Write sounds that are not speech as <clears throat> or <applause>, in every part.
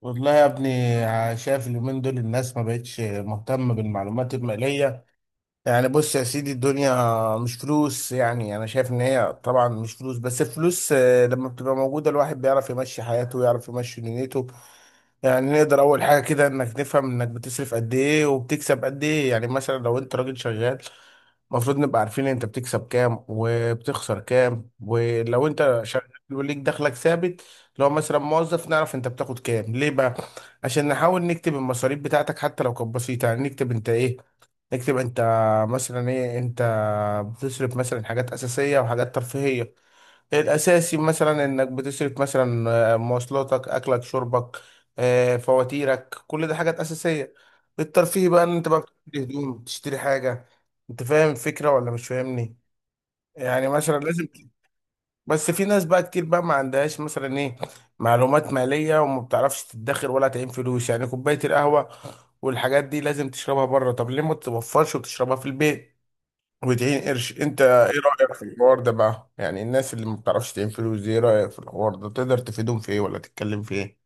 والله يا ابني. شايف اليومين دول الناس ما بقتش مهتمة بالمعلومات المالية. يعني بص يا سيدي، الدنيا مش فلوس. يعني انا شايف ان هي طبعا مش فلوس، بس الفلوس لما بتبقى موجودة الواحد بيعرف يمشي حياته ويعرف يمشي دنيته. يعني نقدر اول حاجه كده انك نفهم انك بتصرف قد ايه وبتكسب قد ايه. يعني مثلا لو انت راجل شغال، المفروض نبقى عارفين انت بتكسب كام وبتخسر كام. ولو انت شغال وليك دخلك ثابت، لو مثلا موظف نعرف انت بتاخد كام. ليه بقى؟ عشان نحاول نكتب المصاريف بتاعتك حتى لو كانت بسيطه. يعني نكتب انت ايه، نكتب انت مثلا ايه. انت بتصرف مثلا حاجات اساسيه وحاجات ترفيهيه. الأساسي مثلا إنك بتصرف مثلا مواصلاتك، أكلك، شربك، فواتيرك. كل ده حاجات أساسية. الترفيه بقى إن أنت بقى بتشتري هدوم، بتشتري حاجة. أنت فاهم الفكرة ولا مش فاهمني؟ يعني مثلا لازم بس في ناس بقى كتير بقى ما عندهاش مثلا إيه، معلومات مالية، وما بتعرفش تدخر ولا تعين فلوس. يعني كوباية القهوة والحاجات دي لازم تشربها بره؟ طب ليه ما تتوفرش وتشربها في البيت وتعين قرش؟ انت ايه رأيك في الحوار ده بقى؟ يعني الناس اللي ما بتعرفش تعين فلوس دي، ايه رأيك في الحوار ده؟ تقدر تفيدهم في ايه ولا تتكلم في ايه؟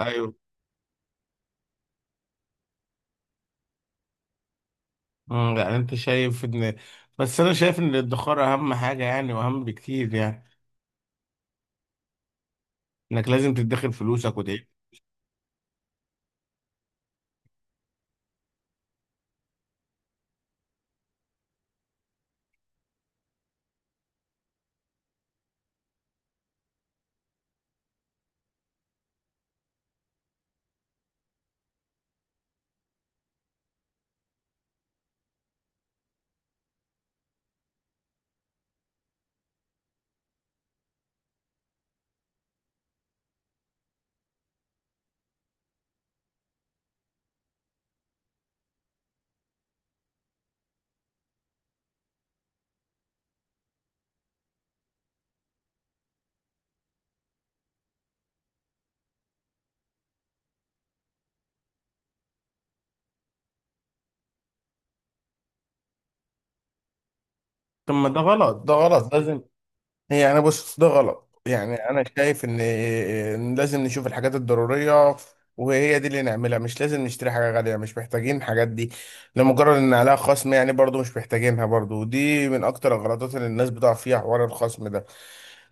ايوه. يعني انت شايف ان بس انا شايف ان الادخار اهم حاجه، يعني واهم بكتير. يعني انك لازم تدخر فلوسك وتعيش. طب ما ده غلط، ده غلط لازم. هي انا بص ده غلط، يعني انا شايف ان إن لازم نشوف الحاجات الضروريه وهي دي اللي نعملها. مش لازم نشتري حاجه غاليه، مش محتاجين الحاجات دي لمجرد ان عليها خصم. يعني برضو مش محتاجينها برضو، ودي من اكتر الغلطات اللي الناس بتقع فيها، حوار الخصم ده.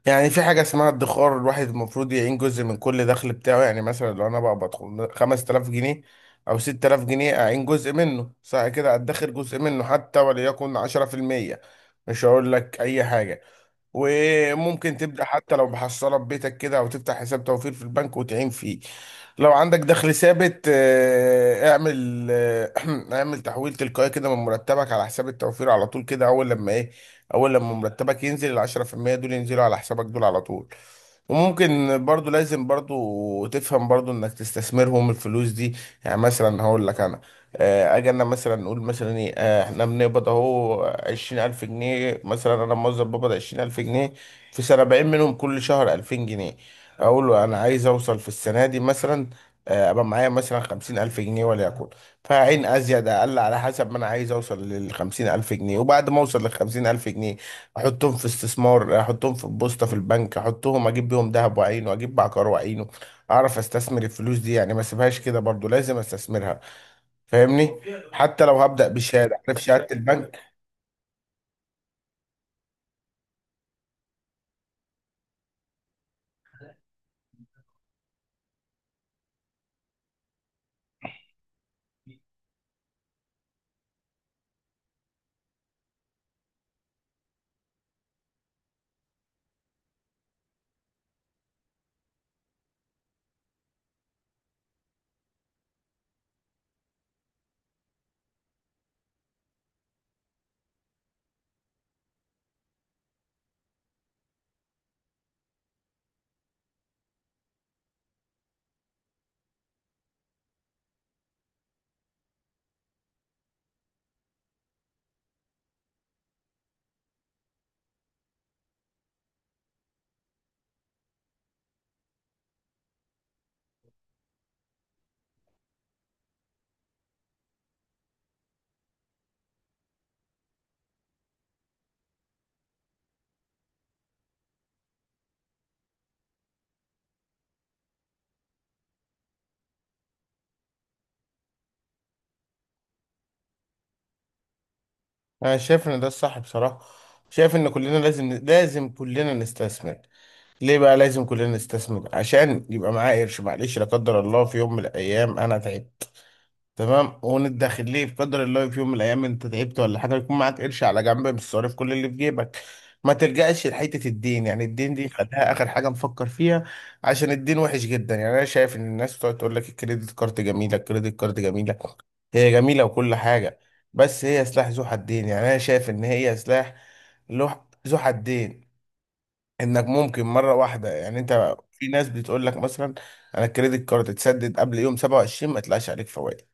يعني في حاجه اسمها ادخار، الواحد المفروض يعين جزء من كل دخل بتاعه. يعني مثلا لو انا بقى بدخل 5000 جنيه او 6000 جنيه، اعين جزء منه، صح كده، ادخر جزء منه حتى وليكن 10%. مش هقول لك اي حاجه. وممكن تبدأ حتى لو بحصالة ببيتك كده، أو تفتح حساب توفير في البنك وتعين فيه. لو عندك دخل ثابت، اعمل <clears throat> اعمل تحويل تلقائي كده من مرتبك على حساب التوفير على طول كده. أول لما إيه، أول لما مرتبك ينزل، العشرة في المية دول ينزلوا على حسابك دول على طول. وممكن برضو لازم برضو تفهم برضو انك تستثمرهم الفلوس دي. يعني مثلا هقول لك انا، اجي انا مثلا نقول مثلا ايه، احنا بنقبض اهو 20000 جنيه. مثلا انا موظف بقبض 20000 جنيه في سنة، 40 منهم كل شهر 2000 جنيه. اقول له انا عايز اوصل في السنة دي مثلا، ابقى معايا مثلا 50000 جنيه وليكن. فعين ازيد اقل على حسب ما انا عايز اوصل للخمسين الف جنيه. وبعد ما اوصل للخمسين الف جنيه، احطهم في استثمار، احطهم في البوسطه في البنك، احطهم اجيب بيهم ذهب وعينه، اجيب عقار وعينه. اعرف استثمر الفلوس دي، يعني ما اسيبهاش كده. برضو لازم استثمرها. فاهمني؟ حتى لو هبدا بشهاده، عارف شهاده البنك. انا شايف ان ده الصح بصراحه. شايف ان كلنا لازم كلنا نستثمر. ليه بقى لازم كلنا نستثمر؟ عشان يبقى معايا قرش، معلش، لا قدر الله في يوم من الايام انا تعبت. تمام، وندخل ليه، بقدر الله في يوم من الايام انت تعبت ولا حاجه يكون معاك قرش على جنب، مش صارف كل اللي في جيبك. ما تلجأش لحته الدين. يعني الدين دي خليها اخر حاجه نفكر فيها، عشان الدين وحش جدا. يعني انا شايف ان الناس بتقعد تقول لك الكريدت كارد جميله، الكريدت كارد جميله. هي جميله وكل حاجه، بس هي سلاح ذو حدين. يعني انا شايف ان هي سلاح ذو حدين. انك ممكن مره واحده، يعني انت في ناس بتقول لك مثلا انا الكريدت كارد تسدد قبل يوم 27 ما يطلعش عليك فوائد.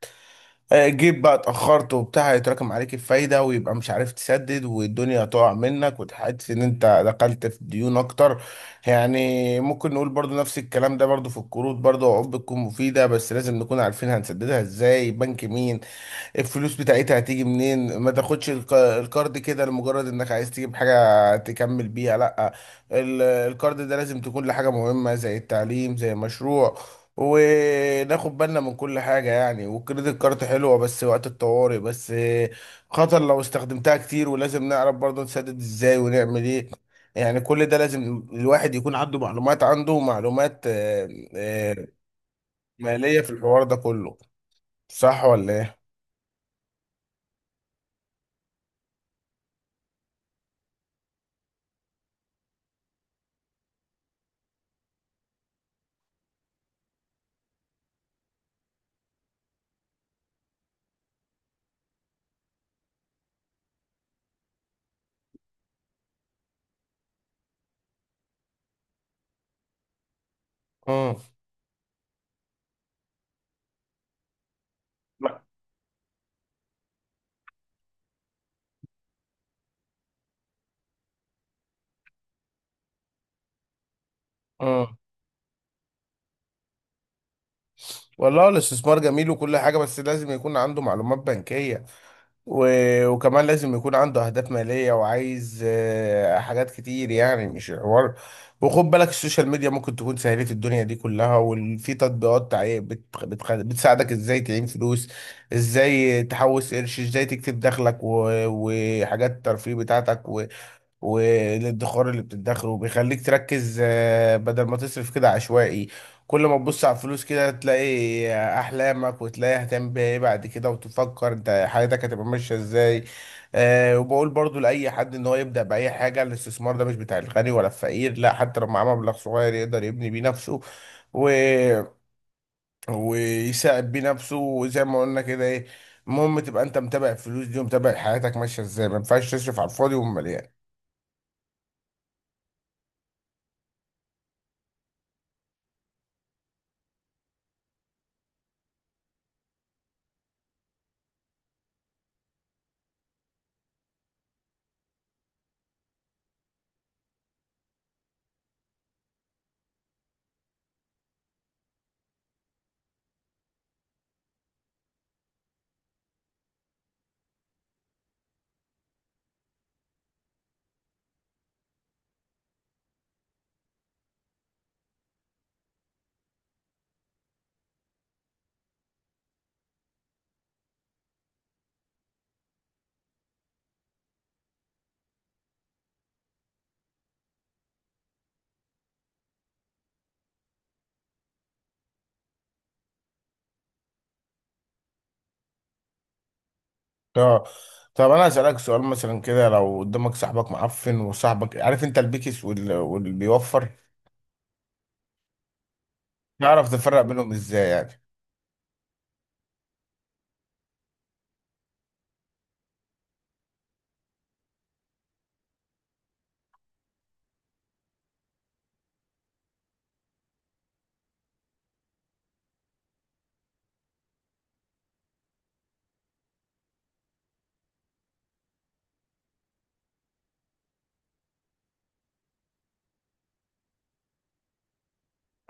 جيت بقى اتأخرت وبتاع، هيتراكم عليك الفايدة ويبقى مش عارف تسدد والدنيا تقع منك وتحس ان انت دخلت في ديون اكتر. يعني ممكن نقول برضو نفس الكلام ده برضو في القروض، برضو عقود بتكون مفيدة بس لازم نكون عارفين هنسددها ازاي، بنك مين، الفلوس بتاعتها هتيجي منين. ما تاخدش الكارد كده لمجرد انك عايز تجيب حاجة تكمل بيها. لا، الكارد ده لازم تكون لحاجة مهمة، زي التعليم، زي مشروع. وناخد بالنا من كل حاجة. يعني والكريدت كارد حلوة بس وقت الطوارئ بس، خطر لو استخدمتها كتير. ولازم نعرف برضه نسدد ازاي ونعمل ايه. يعني كل ده لازم الواحد يكون عنده معلومات آه، مالية في الحوار ده كله. صح ولا ايه؟ مم. مم. والله الاستثمار جميل وكل حاجة، بس لازم يكون عنده معلومات بنكية، و... وكمان لازم يكون عنده أهداف مالية وعايز حاجات كتير. يعني مش حوار. وخد بالك السوشيال ميديا ممكن تكون سهلت الدنيا دي كلها، وفي تطبيقات بتساعدك ازاي تعين فلوس، ازاي تحوش قرش، ازاي تكتب دخلك، وحاجات الترفيه بتاعتك، والادخار اللي بتدخره، وبيخليك تركز بدل ما تصرف كده عشوائي. كل ما تبص على الفلوس كده تلاقي احلامك وتلاقي هتعمل بيها ايه بعد كده، وتفكر انت حياتك هتبقى ماشيه ازاي. أه، وبقول برضو لاي حد ان هو يبدا باي حاجه. الاستثمار ده مش بتاع الغني ولا الفقير، لا، حتى لو معاه مبلغ صغير يقدر يبني بيه نفسه و... ويساعد بيه نفسه. وزي ما قلنا كده ايه، المهم تبقى انت متابع الفلوس دي ومتابع حياتك ماشيه ازاي. ما ينفعش تصرف على الفاضي ومليان. اه، طب انا هسألك سؤال مثلا كده. لو قدامك صاحبك معفن وصاحبك عارف انت البيكس واللي بيوفر، تعرف تفرق بينهم ازاي يعني؟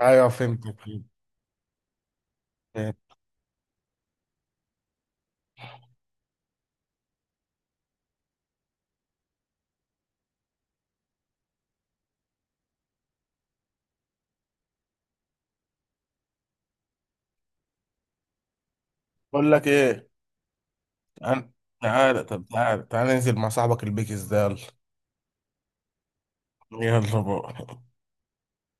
ايوه فهمتك. فهمت. بقول لك ايه، تعال. تعال، طب تعال، تعال ننزل مع صاحبك البيكس ده. يلا يلا بقى.